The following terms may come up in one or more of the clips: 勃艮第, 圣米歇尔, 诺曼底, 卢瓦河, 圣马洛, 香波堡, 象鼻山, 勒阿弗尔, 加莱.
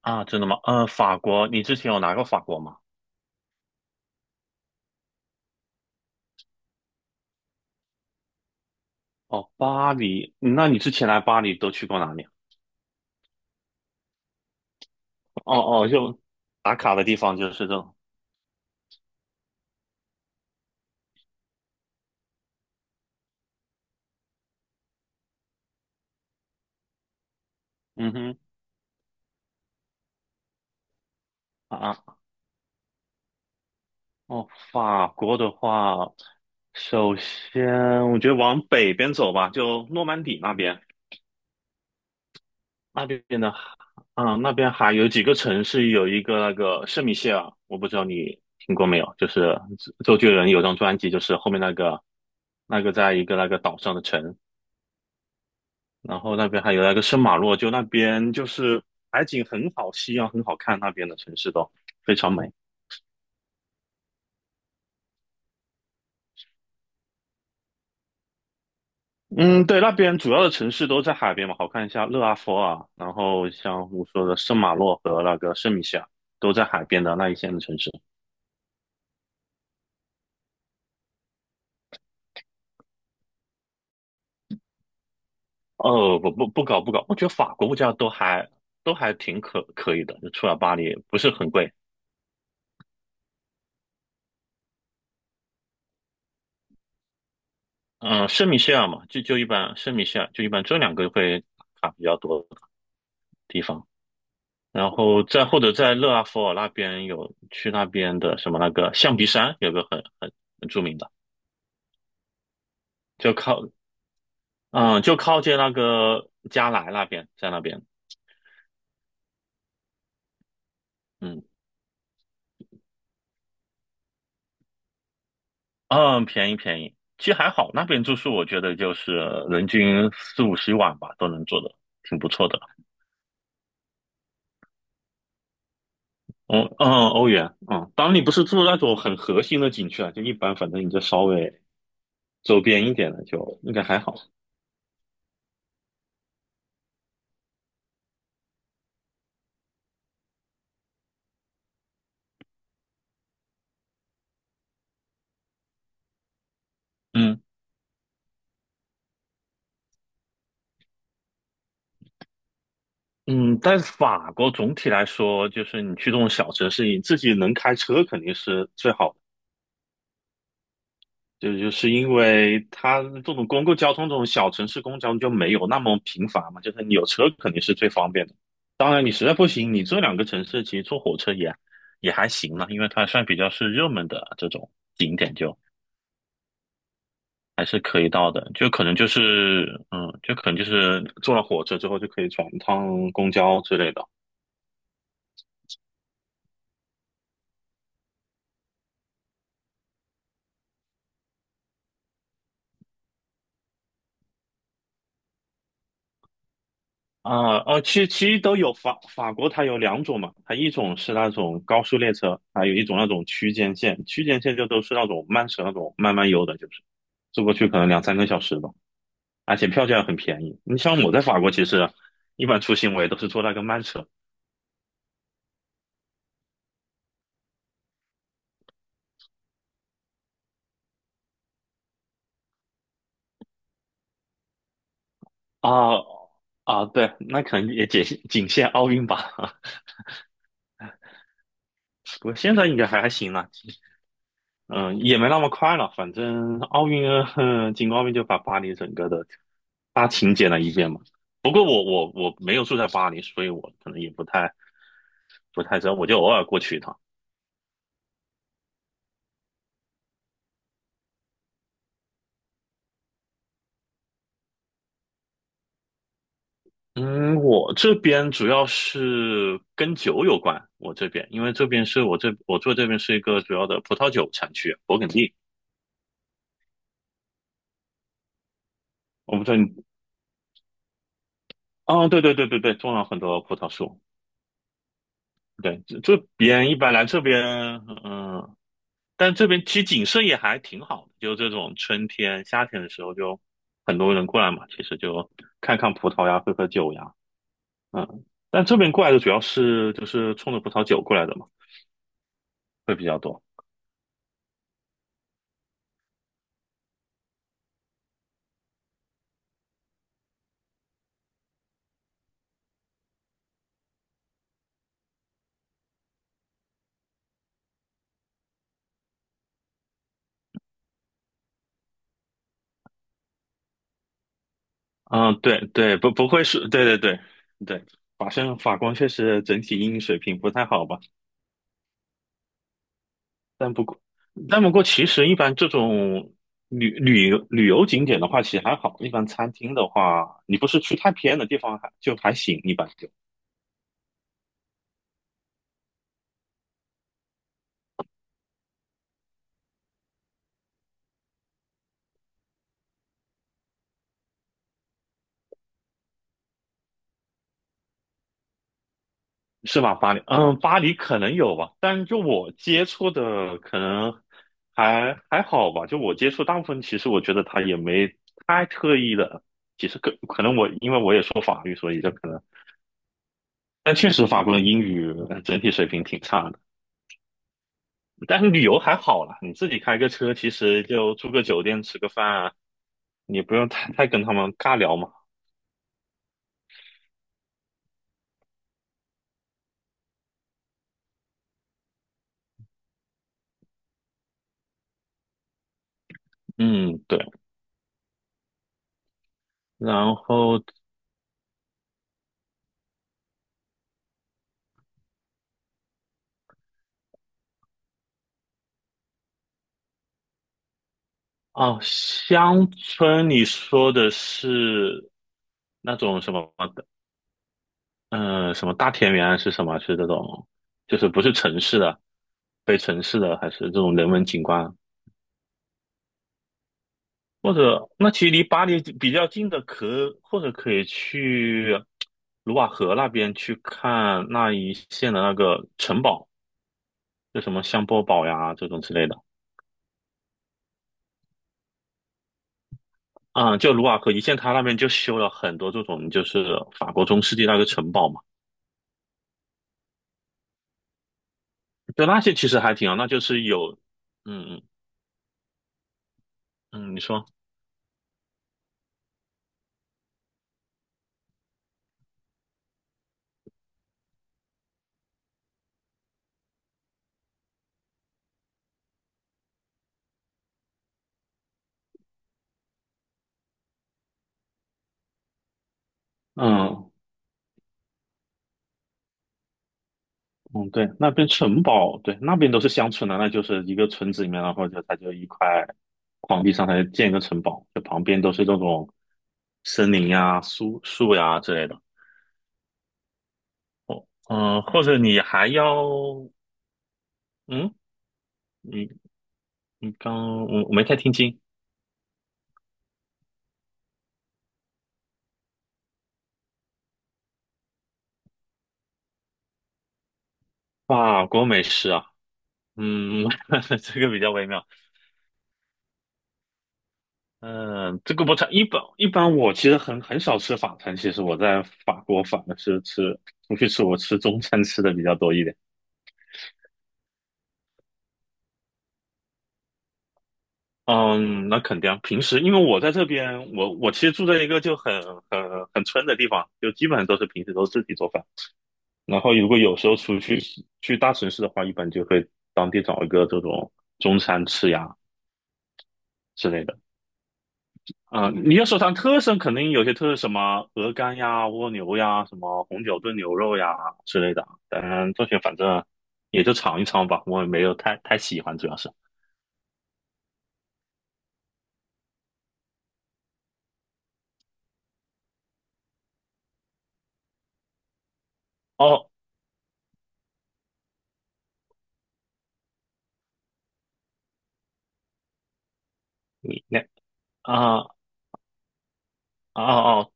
啊，真的吗？法国，你之前有来过法国吗？哦，巴黎，那你之前来巴黎都去过哪里啊？哦哦，就打卡的地方就是这种。嗯哼，啊，哦，法国的话，首先我觉得往北边走吧，就诺曼底那边，那边呢，啊，那边还有几个城市，有一个那个圣米歇尔，我不知道你听过没有，就是周杰伦有张专辑，就是后面那个在一个那个岛上的城，然后那边还有那个圣马洛，就那边就是海景很好，夕阳很好看，那边的城市都非常美。嗯，对，那边主要的城市都在海边嘛，好看一下勒阿弗尔，然后像我说的圣马洛和那个圣米歇尔都在海边的那一线的城市。哦，不搞不搞，我觉得法国物价都还挺可以的，就除了巴黎不是很贵。嗯，圣米歇尔嘛，就一般，圣米歇尔就一般这两个会打卡比较多的地方。然后再或者在勒阿弗尔那边有去那边的什么那个象鼻山，有个很著名的，就靠嗯就靠近那个加莱那边，在那边嗯嗯便宜便宜，其实还好，那边住宿我觉得就是人均四五十一晚吧，都能做的挺不错的。嗯嗯，欧元。嗯，当然你不是住那种很核心的景区啊，就一般，反正你就稍微周边一点的就应该还好。嗯。嗯，但是法国总体来说，就是你去这种小城市，你自己能开车肯定是最好的。就是因为它这种公共交通，这种小城市公共交通就没有那么频繁嘛，就是你有车肯定是最方便的。当然，你实在不行，你这两个城市其实坐火车也还行了，因为它算比较是热门的这种景点就，还是可以到的。就可能就是，就可能就是坐了火车之后就可以转一趟公交之类的。啊，哦，其实都有法国，它有两种嘛，它一种是那种高速列车，还有一种那种区间线。区间线就都是那种慢车，那种慢慢悠的，就是坐过去可能两三个小时吧，而且票价很便宜。你像我在法国，其实一般出行我也都是坐那个慢车啊。啊，对，那可能也仅限奥运吧。不过现在应该还行了。嗯，也没那么快了，反正奥运哼进奥运就把巴黎整个的大清点了一遍嘛。不过我没有住在巴黎，所以我可能也不太知道，我就偶尔过去一趟。嗯，我这边主要是跟酒有关，我这边因为这边是我住这边是一个主要的葡萄酒产区，勃艮第。我不知道你，啊，对对对对对，种了很多葡萄树。对，这边一般来这边，嗯、但这边其实景色也还挺好的，就这种春天、夏天的时候，就很多人过来嘛，其实就看看葡萄呀，喝喝酒呀，嗯。但这边过来的主要是就是冲着葡萄酒过来的嘛，会比较多。嗯，对对，不不会是，对对对对，法官确实整体英语水平不太好吧，但不过但不过其实一般这种旅游景点的话，其实还好，一般餐厅的话，你不是去太偏的地方还就还行一般。就。是吧？巴黎，嗯，巴黎可能有吧，但就我接触的可能还好吧。就我接触大部分，其实我觉得他也没太特意的。其实可能我因为我也说法语，所以就可能，但确实法国人英语整体水平挺差的。但是旅游还好啦，你自己开个车，其实就住个酒店吃个饭啊，你不用太跟他们尬聊嘛。嗯，对。然后哦，乡村你说的是那种什么的，嗯、什么大田园啊是什么啊？是这种，就是不是城市的，非城市的，还是这种人文景观？或者，那其实离巴黎比较近的可，或者可以去卢瓦河那边去看那一线的那个城堡，就什么香波堡呀这种之类的。啊、就卢瓦河一线，它那边就修了很多这种，就是法国中世纪那个城堡嘛。对，那些其实还挺好，那就是有，嗯嗯嗯，你说，嗯嗯，对，那边城堡，对，那边都是乡村的，那就是一个村子里面，然后就它就一块荒地上，它就建一个城堡，就旁边都是这种森林呀、树呀之类的。哦，或者你还要，嗯，你你刚我没太听清，法国美食啊，嗯，这个比较微妙。嗯，这个不差。一般一般，我其实很少吃法餐。其实我在法国反而是吃出去吃，我吃中餐吃的比较多一点。嗯。那肯定啊。平时因为我在这边，我其实住在一个就很村的地方，就基本上都是平时都自己做饭。然后如果有时候出去去大城市的话，一般就会当地找一个这种中餐吃呀之类的。啊、你要说它特色，肯定有些特色，什么鹅肝呀、蜗牛呀、什么红酒炖牛肉呀之类的。当然，这些反正也就尝一尝吧，我也没有太喜欢，主要是。哦，你那啊哦哦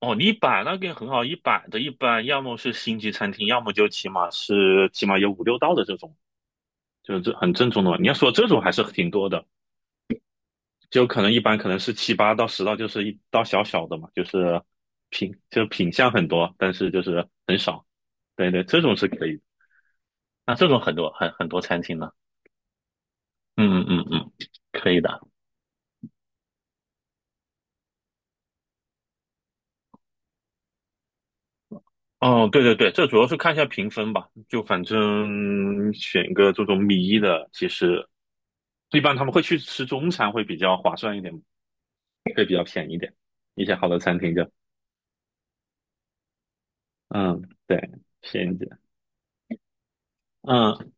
哦，一百那个很好，一百的一般要么是星级餐厅，要么就起码有五六道的这种，就是这很正宗的嘛。你要说这种还是挺多的。就可能一般可能是七八到十道，就是一道小小的嘛，就是品相很多，但是就是很少。对对，这种是可以的那这种很多餐厅呢，嗯嗯嗯嗯，可以的。哦，对对对，这主要是看一下评分吧，就反正选一个这种米一的，其实一般他们会去吃中餐会比较划算一点，一些好的餐厅就，嗯，对，便宜点。嗯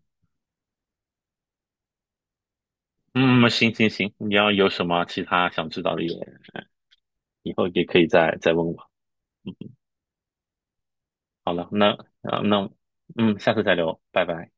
嗯，行行行，你要有什么其他想知道的也以后也可以再问我。嗯。好了，那啊、那下次再聊，拜拜。